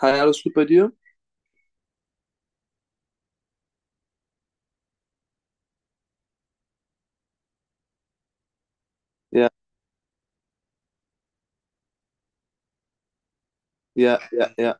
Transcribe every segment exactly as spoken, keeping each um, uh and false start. Hi, alles gut bei dir? Ja, ja, ja, ja,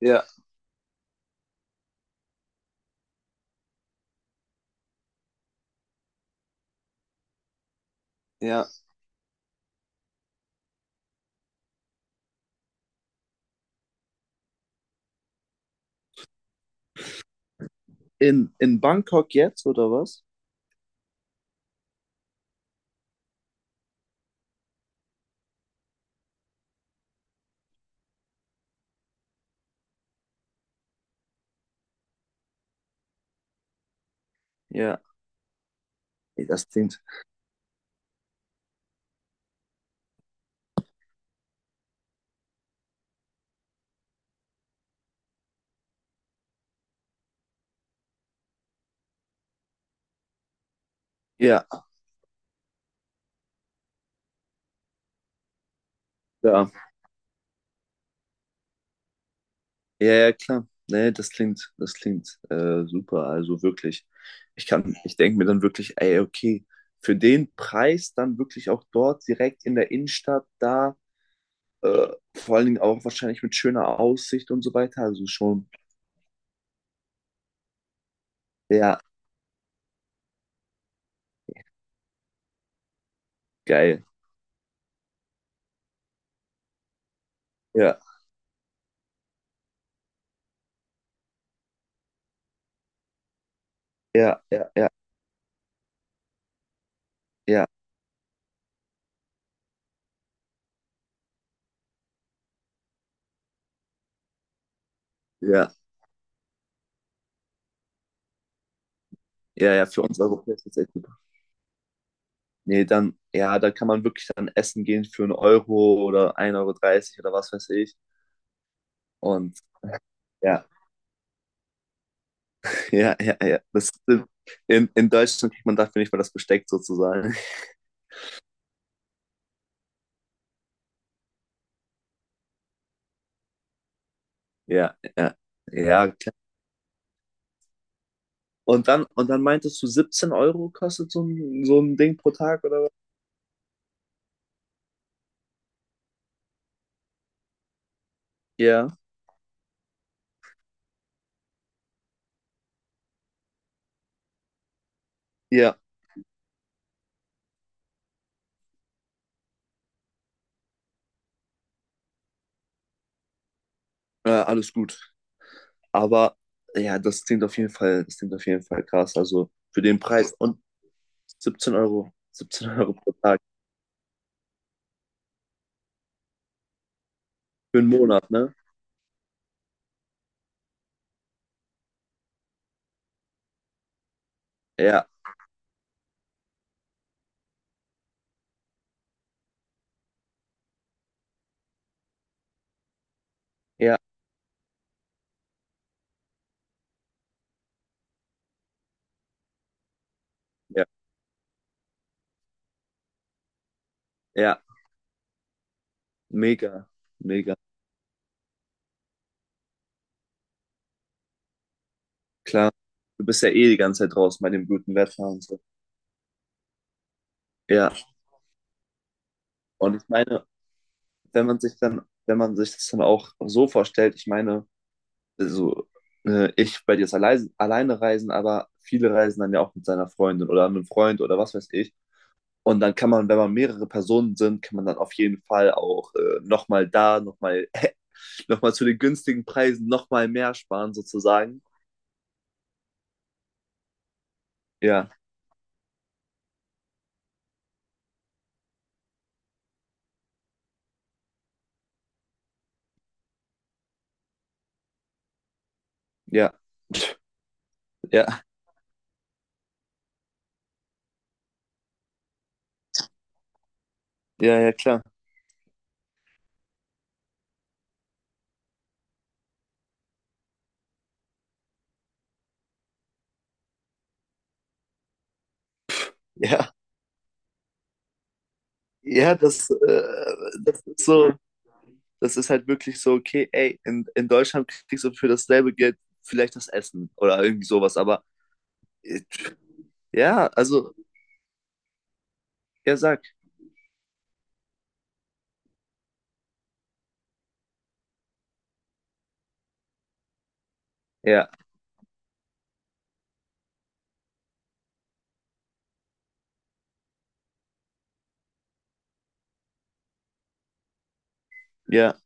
ja, ja. In, in Bangkok jetzt, oder was? Ja, ey, das klingt. Ja, ja, ja, ja, klar. Nee, das klingt, das klingt äh, super. Also wirklich. Ich kann, ich denke mir dann wirklich, ey, okay, für den Preis dann wirklich auch dort direkt in der Innenstadt da, äh, vor allen Dingen auch wahrscheinlich mit schöner Aussicht und so weiter. Also schon, ja, geil. Ja, ja, ja, ja, ja, ja, ja, ja, für uns Europäer ist das echt super. Nee, dann, ja, da kann man wirklich dann essen gehen für einen Euro oder ein Euro dreißig oder was weiß ich. Und ja, ja, ja, ja. Das, in, in Deutschland kriegt man dafür nicht mal das Besteck sozusagen. Ja, ja, ja, klar. Und dann, und dann meintest du, siebzehn Euro kostet so ein, so ein Ding pro Tag oder was? Ja, ja, äh, alles gut. Aber ja, das klingt auf jeden Fall, das klingt auf jeden Fall krass. Also für den Preis und siebzehn Euro, siebzehn Euro pro Tag für einen Monat, ne? Ja, ja, ja, ja. Mega, mega. Klar, du bist ja eh die ganze Zeit draußen bei dem guten Wetter und so. Ja, und ich meine, wenn man sich dann, wenn man sich das dann auch so vorstellt, ich meine, also äh, ich bei dir ist alleine, alleine reisen, aber viele reisen dann ja auch mit seiner Freundin oder einem Freund oder was weiß ich. Und dann kann man, wenn man mehrere Personen sind, kann man dann auf jeden Fall auch äh, nochmal da, nochmal noch mal zu den günstigen Preisen nochmal mehr sparen sozusagen. Ja, ja, ja, ja, ja, klar. Ja. Ja, das, äh, das ist so, das ist halt wirklich so, okay, ey, in, in Deutschland kriegst du für dasselbe Geld vielleicht das Essen oder irgendwie sowas, aber äh, ja, also, ja, sag, ja, ja,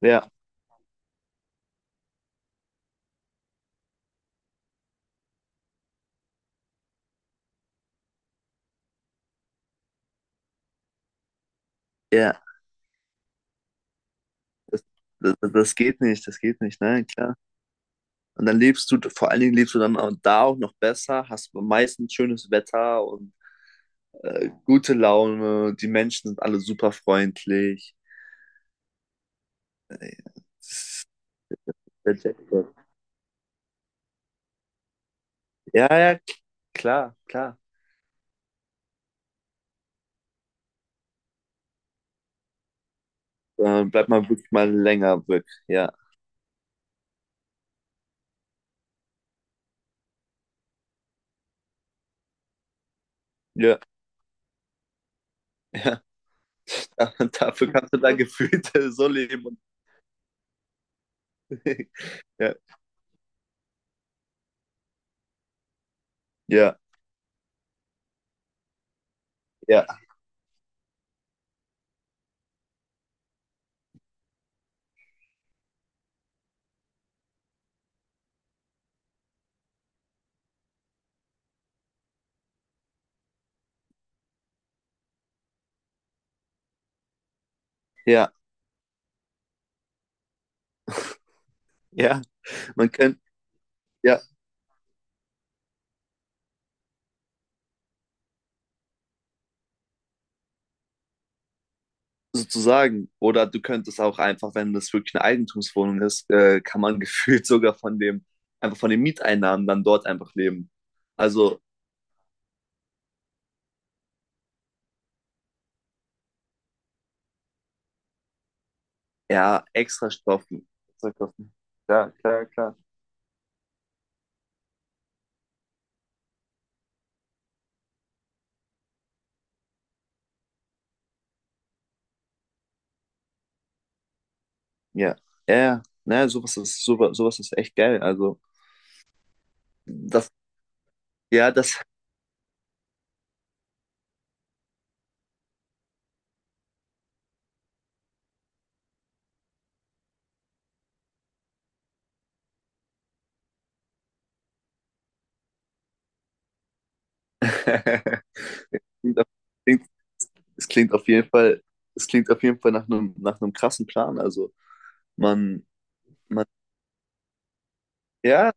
ja, ja, das, das, das geht nicht, das geht nicht, nein, klar. Und dann lebst du, vor allen Dingen lebst du dann auch da auch noch besser, hast meistens schönes Wetter und äh, gute Laune, die Menschen sind alle super freundlich. Äh, ja, das ist der Jackpot. Ja, ja, k- klar, klar. Äh, bleibt man wirklich mal länger weg. Ja. Ja, ja. Dafür kannst du da gefühlt äh, so leben. und- Ja, ja, ja, ja, ja. Man könnte, ja, sozusagen. Oder du könntest auch einfach, wenn das wirklich eine Eigentumswohnung ist, äh, kann man gefühlt sogar von dem, einfach von den Mieteinnahmen dann dort einfach leben. Also, ja, extra Stoffen. Extra Kosten. Ja, klar, klar. Ja, ja, ja. Naja, sowas ist, sowas, sowas ist echt geil. Also, das, ja, das. klingt, auf- klingt, es klingt auf jeden Fall, es klingt auf jeden Fall nach einem, nach einem krassen Plan. Also man, man, ja,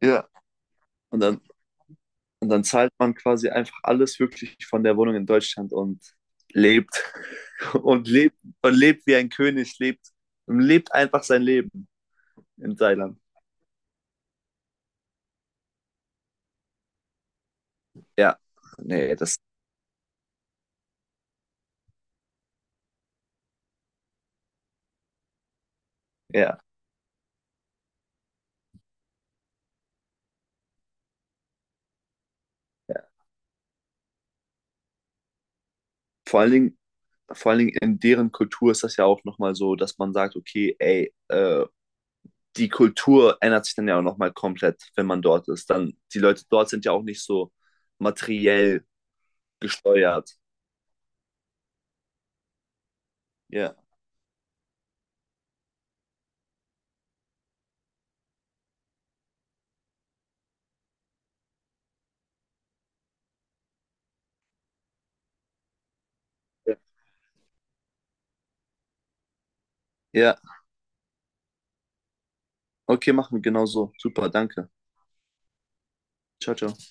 ja. Und dann, und dann zahlt man quasi einfach alles wirklich von der Wohnung in Deutschland und lebt und lebt und lebt wie ein König, lebt und lebt einfach sein Leben in Thailand. Ja, nee, das, ja, ja. Vor allen Dingen, Vor allen Dingen in deren Kultur ist das ja auch nochmal so, dass man sagt, okay, ey, äh, die Kultur ändert sich dann ja auch nochmal komplett, wenn man dort ist. Dann, die Leute dort sind ja auch nicht so materiell gesteuert. Ja. Ja, okay, machen wir genau so. Super, danke. Ciao, ciao.